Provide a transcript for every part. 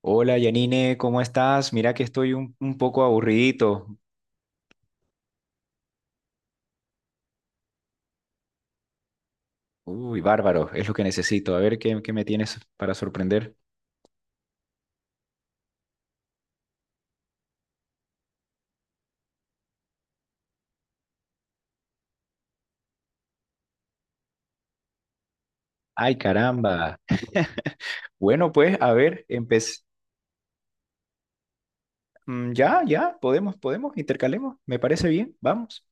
Hola Yanine, ¿cómo estás? Mira que estoy un poco aburridito. Uy, bárbaro, es lo que necesito. A ver qué me tienes para sorprender. Ay, caramba. Bueno, pues, a ver, empecé. Ya, ya, podemos intercalemos. Me parece bien, vamos.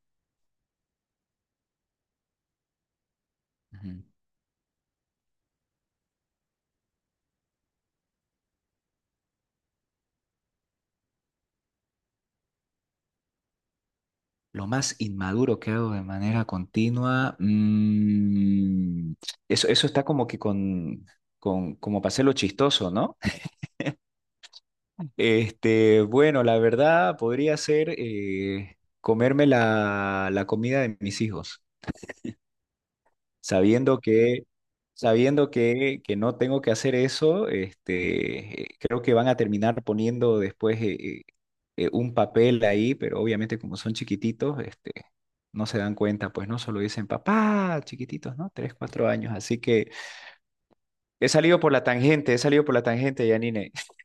Ujú. Lo más inmaduro que hago de manera continua, eso está como que con como para hacerlo chistoso, ¿no? Bueno, la verdad podría ser comerme la comida de mis hijos, sabiendo que, sabiendo que no tengo que hacer eso, creo que van a terminar poniendo después un papel ahí, pero obviamente como son chiquititos, no se dan cuenta, pues no solo dicen papá, chiquititos, ¿no? Tres, cuatro años, así que he salido por la tangente, he salido por la tangente, Yanine.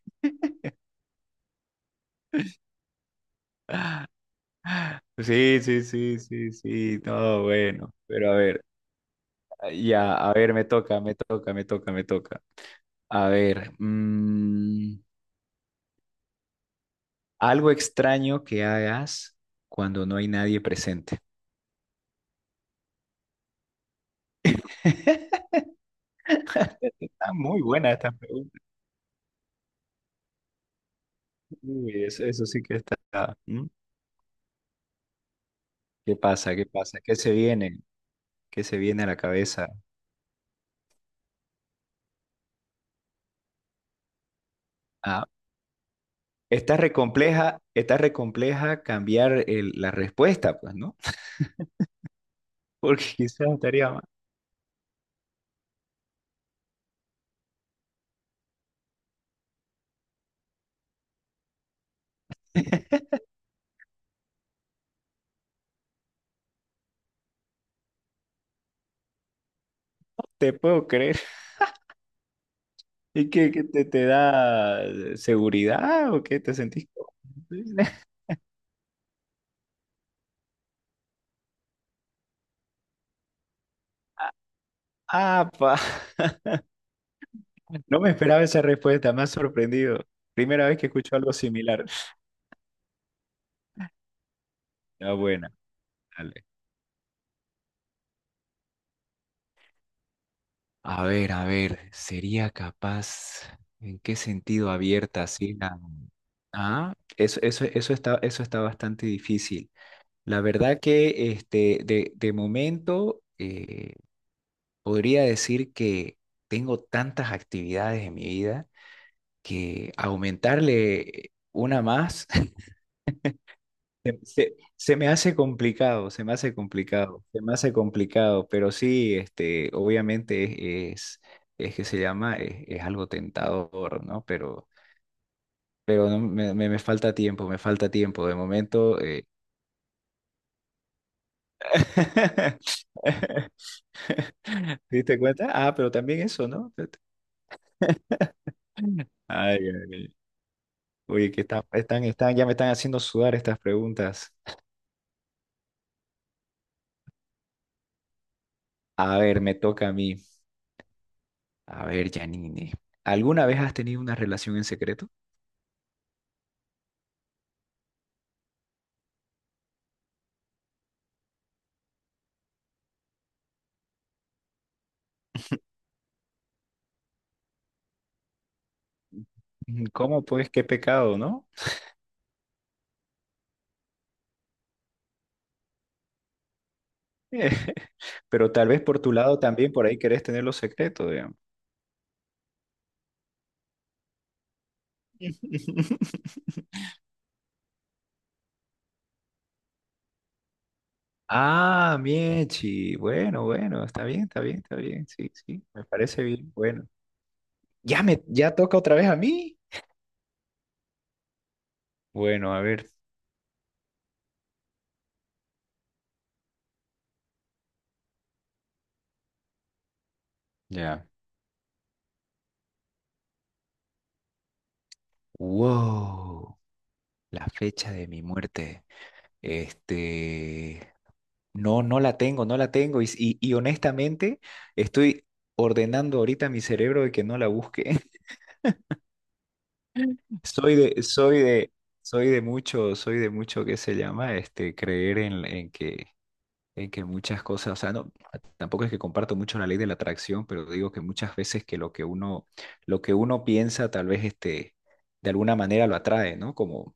Sí, sí, sí, sí, sí, no, bueno, pero a ver. Ya, a ver, me toca. A ver, algo extraño que hagas cuando no hay nadie presente. Está muy buena esta pregunta. Uy, eso sí que está. ¿Mm? ¿Qué pasa? ¿Qué pasa? ¿Qué se viene? ¿Qué se viene a la cabeza? Ah, está recompleja cambiar la respuesta, pues, ¿no? Porque quizás estaría más. Te puedo creer. ¿Y qué te da seguridad o qué te sentís cómodo? Ah, pa. No me esperaba esa respuesta, me ha sorprendido. Primera vez que escucho algo similar. Está buena, dale. A ver, ¿sería capaz? ¿En qué sentido abierta así la... Ah, eso está bastante difícil. La verdad que de momento podría decir que tengo tantas actividades en mi vida que aumentarle una más. Se me hace complicado, se me hace complicado, se me hace complicado, pero sí, obviamente es que se llama, es algo tentador, ¿no? Pero no, me falta tiempo, me falta tiempo. De momento, eh. ¿Te diste cuenta? Ah, pero también eso, ¿no? Ay, ay, ay. Oye, que están, ya me están haciendo sudar estas preguntas. A ver, me toca a mí. A ver, Janine, ¿alguna vez has tenido una relación en secreto? Mm, ¿cómo pues? Qué pecado, ¿no? Pero tal vez por tu lado también por ahí querés tener los secretos, digamos. Ah, Miechi. Bueno, bueno, está bien, está bien, está bien. Sí, sí, me parece bien. Bueno, ya me, ya toca otra vez a mí. Bueno, a ver. Ya. Wow, la fecha de mi muerte. Este, no, no la tengo, no la tengo. Y honestamente, estoy ordenando ahorita mi cerebro de que no la busque. Soy de, soy de, soy de mucho que se llama creer en que muchas cosas, o sea, no, tampoco es que comparto mucho la ley de la atracción, pero digo que muchas veces que lo que uno piensa, tal vez de alguna manera lo atrae, ¿no? Como,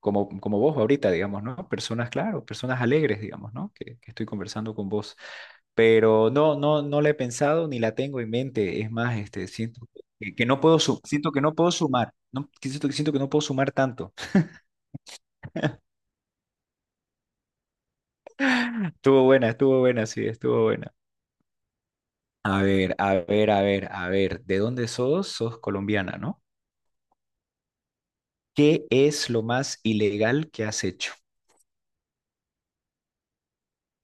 como, Como vos ahorita, digamos, ¿no? Personas, claro, personas alegres, digamos, ¿no? Que estoy conversando con vos, pero no, no, no la he pensado ni la tengo en mente. Es más, siento que no puedo, siento que no puedo sumar, no, que siento que no puedo sumar tanto. Estuvo buena, sí, estuvo buena. A ver, a ver, a ver, a ver, ¿de dónde sos? Sos colombiana, ¿no? ¿Qué es lo más ilegal que has hecho?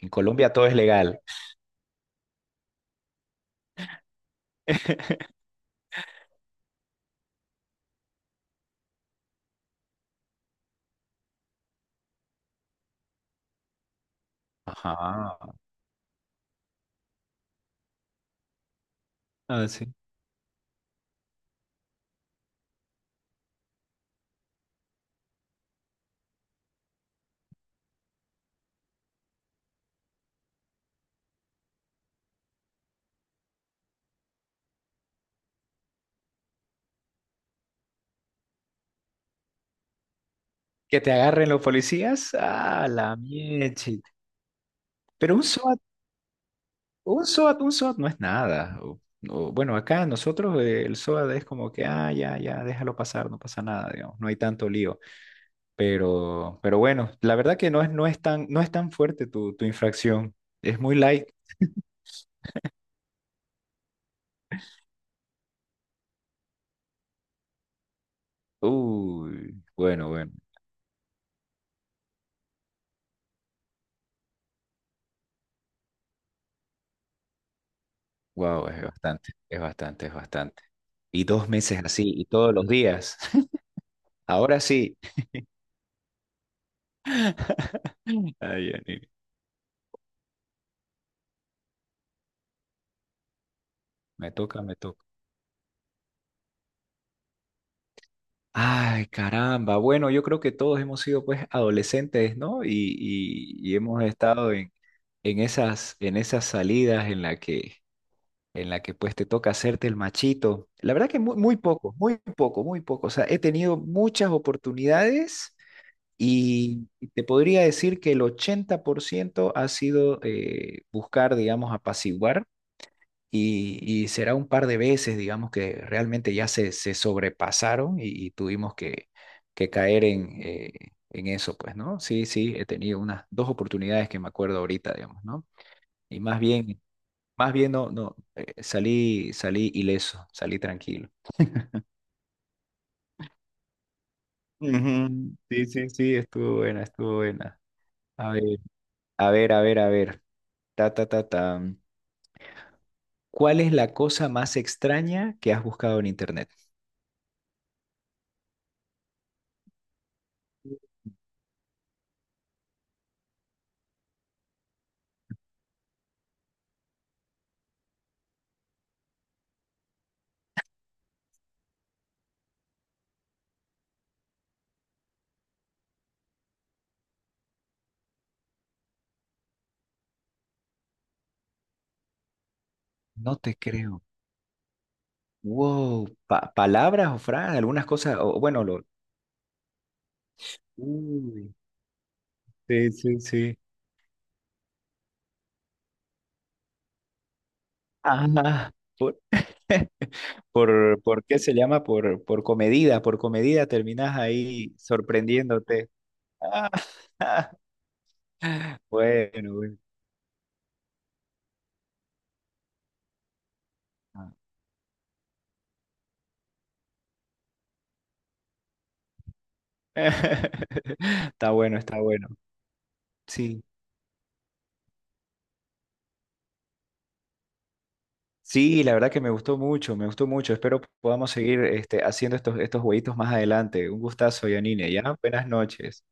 En Colombia todo es legal. Ajá. Ah, sí. Que te agarren los policías. Ah, la mieche. Pero un SWAT. Un SOAT no es nada. O, bueno, acá nosotros el SOAT es como que, ah, ya, ya, déjalo pasar, no pasa nada, digamos, no hay tanto lío. Pero bueno, la verdad que no es, no es tan fuerte tu infracción. Es muy light. Uy, bueno, bueno, wow, es bastante, es bastante, es bastante. Y dos meses así, y todos los días. Ahora sí. Ay, Janine, me toca, me toca. Ay, caramba. Bueno, yo creo que todos hemos sido pues adolescentes, ¿no? Y, y hemos estado en, en esas salidas en la que pues te toca hacerte el machito. La verdad que muy, muy poco, muy poco, muy poco. O sea, he tenido muchas oportunidades y te podría decir que el 80% ha sido buscar, digamos, apaciguar y será un par de veces, digamos, que realmente ya se sobrepasaron y tuvimos que caer en eso, pues, ¿no? Sí, sí, he tenido unas dos oportunidades que me acuerdo ahorita, digamos, ¿no? Y más bien no, no, salí, salí ileso, salí tranquilo. Ujú. Sí, sí, sí, estuvo buena, estuvo buena. A ver, a ver, a ver, a ver. Ta, ta, ta, ta. ¿Cuál es la cosa más extraña que has buscado en internet? No te creo. Wow, palabras o frases, algunas cosas, o bueno, lo... Uy, sí, sí, sí. Ajá. Por, ¿por qué se llama? Por comedida terminas ahí sorprendiéndote. Ah, bueno, bueno. Está bueno, está bueno. Sí. Sí, la verdad que me gustó mucho, me gustó mucho. Espero podamos seguir haciendo estos, estos jueguitos más adelante. Un gustazo, Yanine, ¿ya? Buenas noches.